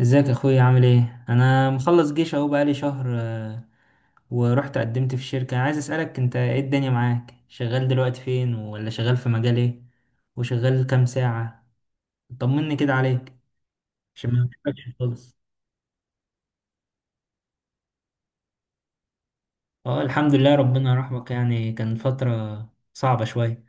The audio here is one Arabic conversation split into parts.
ازيك يا اخويا عامل ايه؟ انا مخلص جيش اهو بقالي شهر ورحت قدمت في الشركة. عايز اسألك انت ايه الدنيا معاك؟ شغال دلوقتي فين؟ ولا شغال في مجال ايه؟ وشغال كام ساعة؟ طمني كده عليك عشان ما بشوفكش خالص. اه الحمد لله، ربنا يرحمك، يعني كان فترة صعبة شوية.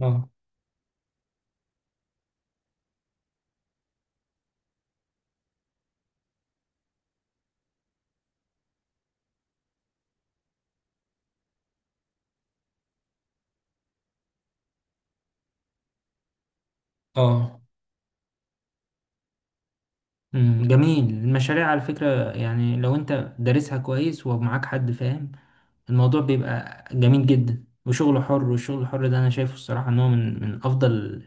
اه اه. جميل. المشاريع على فكرة يعني لو انت دارسها كويس ومعاك حد فاهم الموضوع بيبقى جميل جدا، وشغل حر، والشغل الحر ده انا شايفه الصراحة ان هو من افضل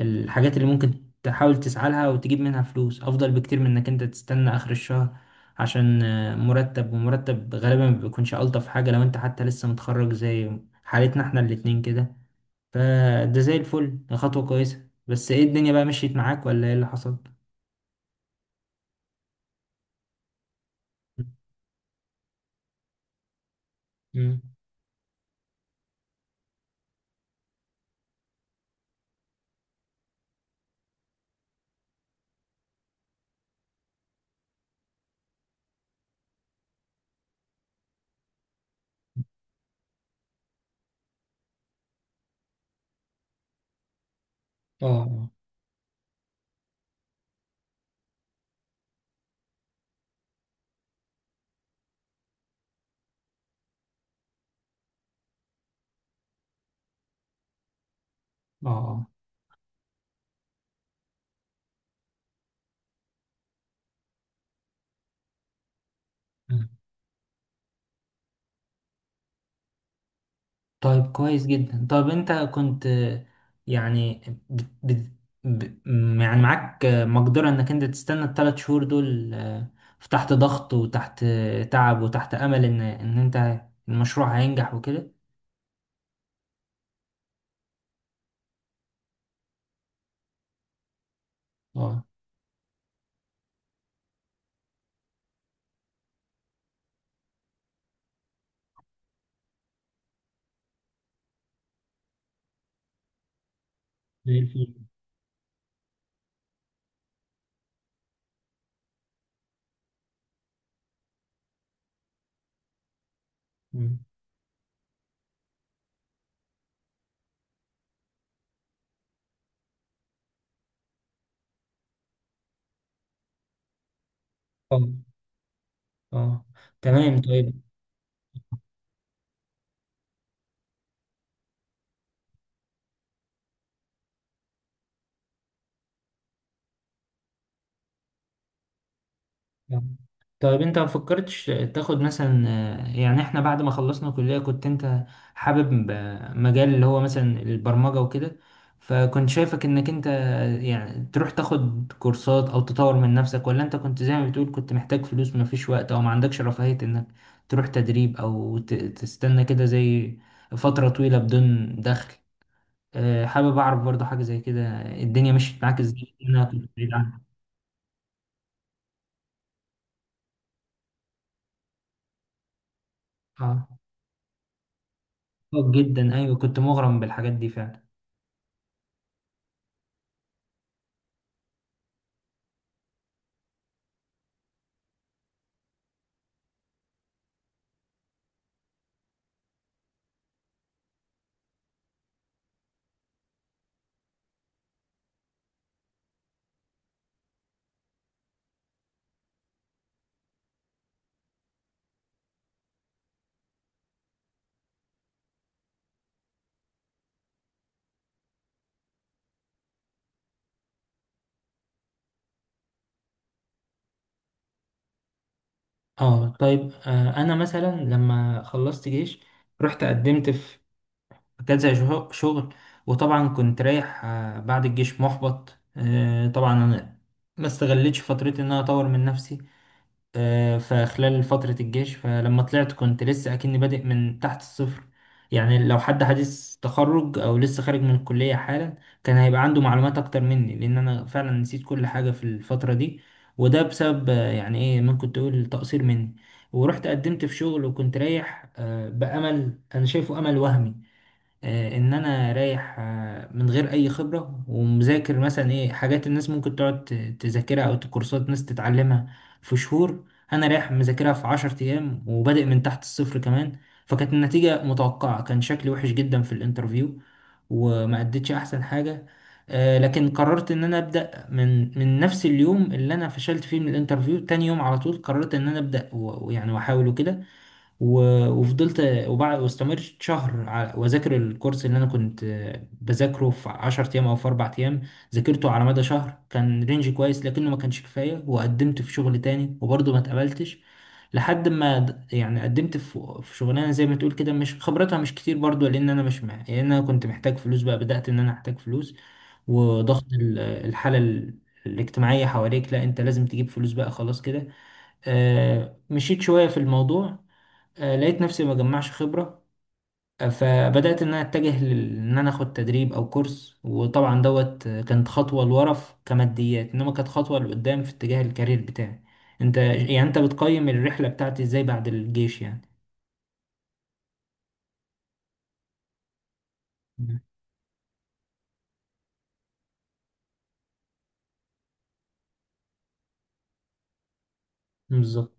الحاجات اللي ممكن تحاول تسعى لها وتجيب منها فلوس، افضل بكتير من انك انت تستنى اخر الشهر عشان مرتب. ومرتب غالبا ما بيكونش الطف حاجة لو انت حتى لسه متخرج زي حالتنا احنا الاتنين كده. فده زي الفل، ده خطوة كويسة. بس ايه الدنيا بقى؟ مشيت معاك ولا ايه اللي حصل؟ مم. اه اه. آه. آه. مم. طيب كويس جدا. طب انت كنت يعني بت... بت... يعني معاك مقدرة انك انت تستنى الثلاث شهور دول، في تحت ضغط وتحت تعب وتحت امل ان انت المشروع هينجح وكده؟ اه. زي الفل. مم. اه اه. تمام طيب. نعم. طيب انت ما فكرتش تاخد مثلا يعني احنا بعد ما خلصنا كلية كنت انت حابب مجال اللي هو مثلا البرمجة وكده، فكنت شايفك انك انت يعني تروح تاخد كورسات او تطور من نفسك؟ ولا انت كنت زي ما بتقول كنت محتاج فلوس ما فيش وقت او ما عندكش رفاهية انك تروح تدريب او تستنى كده زي فترة طويلة بدون دخل؟ حابب اعرف برضو حاجة زي كده، الدنيا مشيت معاك ازاي؟ انا كنت بعيد عنها. اه. اه جدا، ايوه كنت مغرم بالحاجات دي فعلا. اه. طيب آه، انا مثلا لما خلصت جيش رحت قدمت في شغل. وطبعا كنت رايح آه بعد الجيش محبط آه، طبعا انا ما استغلتش فترتي ان انا اطور من نفسي فخلال فترة الجيش. فلما طلعت كنت لسه أكني بادئ من تحت الصفر. يعني لو حد حديث تخرج أو لسه خارج من الكلية حالا كان هيبقى عنده معلومات أكتر مني، لأن أنا فعلا نسيت كل حاجة في الفترة دي. وده بسبب يعني إيه ممكن تقول تقصير مني. ورحت قدمت في شغل وكنت رايح بأمل، أنا شايفه أمل وهمي، ان انا رايح من غير اي خبره ومذاكر مثلا ايه حاجات الناس ممكن تذاكرها او كورسات ناس تتعلمها في شهور، انا رايح مذاكرها في 10 ايام وبادئ من تحت الصفر كمان. فكانت النتيجه متوقعه، كان شكلي وحش جدا في الانترفيو وما اديتش احسن حاجه. لكن قررت ان انا ابدا من نفس اليوم اللي انا فشلت فيه من الانترفيو. تاني يوم على طول قررت ان انا ابدا ويعني واحاول وكده، وفضلت واستمرت شهر واذاكر الكورس اللي انا كنت بذاكره في 10 ايام او في اربع ايام، ذاكرته على مدى شهر. كان رينج كويس لكنه ما كانش كفايه. وقدمت في شغل تاني وبرضه ما اتقبلتش لحد ما يعني قدمت في شغلانه زي ما تقول كده مش خبرتها مش كتير برضه، لان انا مش مع... لان انا كنت محتاج فلوس بقى، بدأت ان انا احتاج فلوس وضغط الحاله الاجتماعيه حواليك، لا انت لازم تجيب فلوس بقى خلاص كده. مشيت شويه في الموضوع، لقيت نفسي ما جمعش خبرة. فبدأت إن أنا أتجه إن أنا أخد تدريب أو كورس، وطبعا دوت كانت خطوة لورا كماديات، إنما كانت خطوة لقدام في اتجاه الكارير بتاعي. أنت يعني أنت بتقيم الرحلة بتاعتي إزاي بعد الجيش يعني؟ مم. بالظبط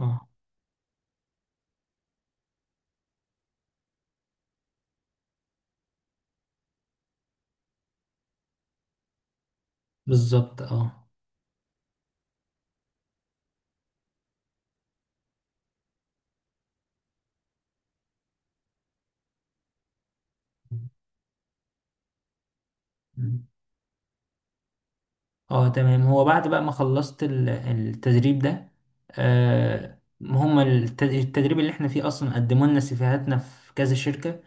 أه. بالظبط أه. اه تمام. هو بعد بقى ما خلصت التدريب ده، آه هم التدريب اللي احنا فيه اصلا قدموا لنا سيفيهاتنا في كذا شركة،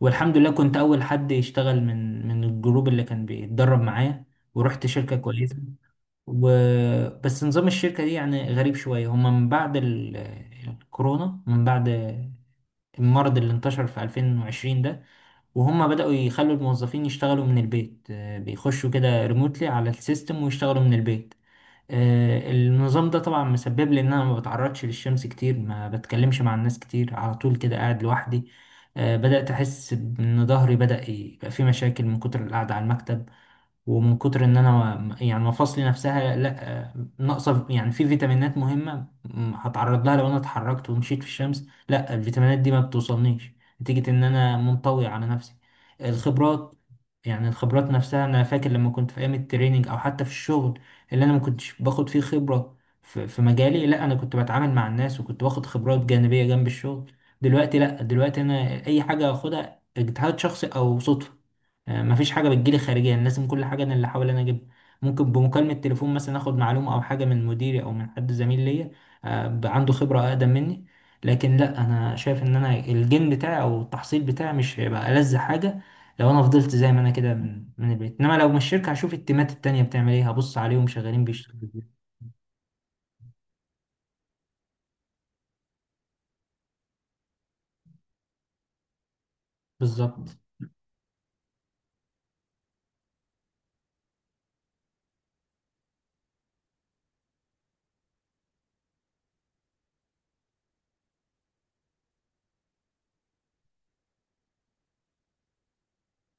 والحمد لله كنت اول حد يشتغل من الجروب اللي كان بيتدرب معايا، ورحت شركة كويسة. و... بس نظام الشركة دي يعني غريب شوية. هم من بعد الكورونا، من بعد المرض اللي انتشر في 2020 ده، وهم بدأوا يخلوا الموظفين يشتغلوا من البيت. بيخشوا كده ريموتلي على السيستم ويشتغلوا من البيت. النظام ده طبعا مسبب لي ان انا ما بتعرضش للشمس كتير، ما بتكلمش مع الناس كتير، على طول كده قاعد لوحدي. بدأت احس ان ظهري بدأ يبقى فيه مشاكل من كتر القعدة على المكتب ومن كتر ان انا يعني مفاصلي نفسها لا، ناقصه يعني في فيتامينات مهمه هتعرض لها لو انا اتحركت ومشيت في الشمس. لا، الفيتامينات دي ما بتوصلنيش نتيجه ان انا منطوي على نفسي. الخبرات، يعني الخبرات نفسها، انا فاكر لما كنت في ايام التريننج او حتى في الشغل اللي انا ما كنتش باخد فيه خبره في مجالي، لا انا كنت بتعامل مع الناس وكنت باخد خبرات جانبيه جنب الشغل. دلوقتي لا، دلوقتي انا اي حاجه اخدها اجتهاد شخصي او صدفه. مفيش حاجه بتجيلي خارجيا، لازم كل حاجه انا اللي احاول انا اجيبها. ممكن بمكالمه تليفون مثلا اخد معلومه او حاجه من مديري او من حد زميل ليا عنده خبره اقدم مني. لكن لا، انا شايف ان انا الجين بتاعي او التحصيل بتاعي مش هيبقى ألذ حاجه لو انا فضلت زي ما انا كده من البيت. انما لو من الشركه هشوف التيمات التانيه بتعمل ايه، هبص عليهم شغالين بيشتغلوا ازاي. بالظبط.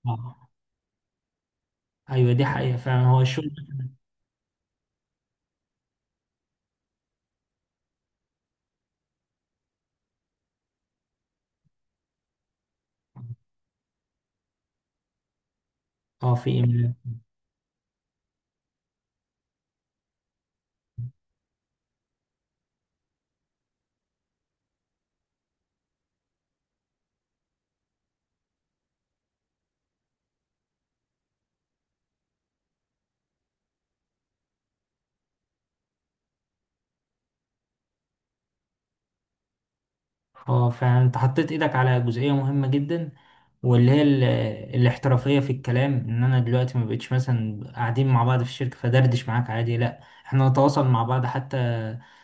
اه، ايوه دي حقيقه فعلا هو الشغل. اه، في إيميلات. اه، فانت حطيت ايدك على جزئية مهمة جدا، واللي هي الاحترافية في الكلام، ان انا دلوقتي ما بقتش مثلا قاعدين مع بعض في الشركة فدردش معاك عادي، لا احنا نتواصل مع بعض حتى،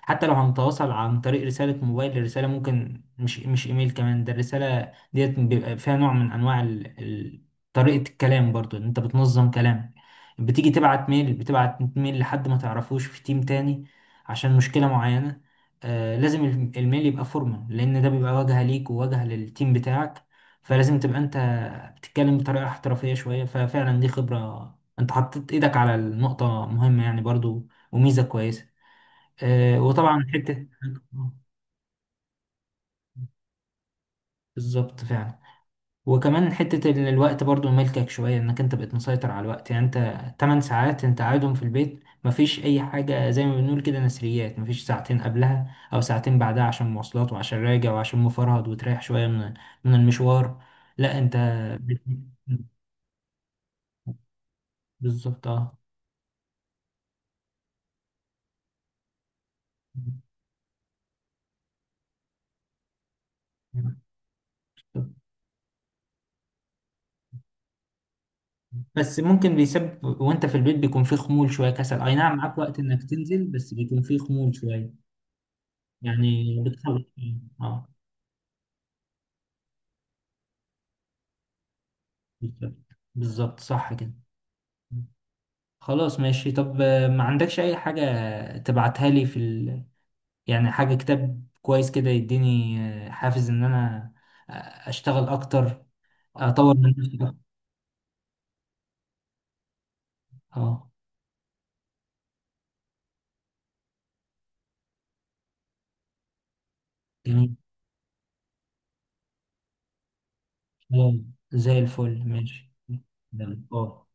حتى لو هنتواصل عن طريق رسالة موبايل. الرسالة ممكن مش ايميل كمان، ده الرسالة ديت بيبقى فيها نوع من انواع طريقة الكلام، برضو إن انت بتنظم كلامك. بتيجي تبعت ميل بتبعت ميل لحد ما تعرفوش في تيم تاني عشان مشكلة معينة، لازم الميل يبقى فورمال لان ده بيبقى واجهه ليك وواجهه للتيم بتاعك، فلازم تبقى انت بتتكلم بطريقه احترافيه شويه. ففعلا دي خبره، انت حطيت ايدك على النقطه مهمه يعني، برضو وميزه كويسه. آه، وطبعا حته آه، بالظبط فعلا. وكمان حتة الوقت برضو ملكك شوية، انك انت بقيت مسيطر على الوقت، يعني انت 8 ساعات انت قاعدهم في البيت مفيش اي حاجة زي ما بنقول كده نسريات، مفيش ساعتين قبلها او ساعتين بعدها عشان مواصلات وعشان راجع وعشان مفرهد وتريح شوية من المشوار. لا انت بت- بالظبط اه. بس ممكن بيسبب وانت في البيت بيكون فيه خمول شوية كسل، اي نعم معاك وقت انك تنزل بس بيكون فيه خمول شوية يعني بتخلص. اه بالظبط. بالظبط صح كده. خلاص ماشي. طب ما عندكش اي حاجة تبعتها لي في يعني حاجة كتاب كويس كده يديني حافز ان انا آه، اشتغل اكتر، اه اطور من نفسي أكتر. اه جميل. خلاص، زي الفل ماشي. تمام. اه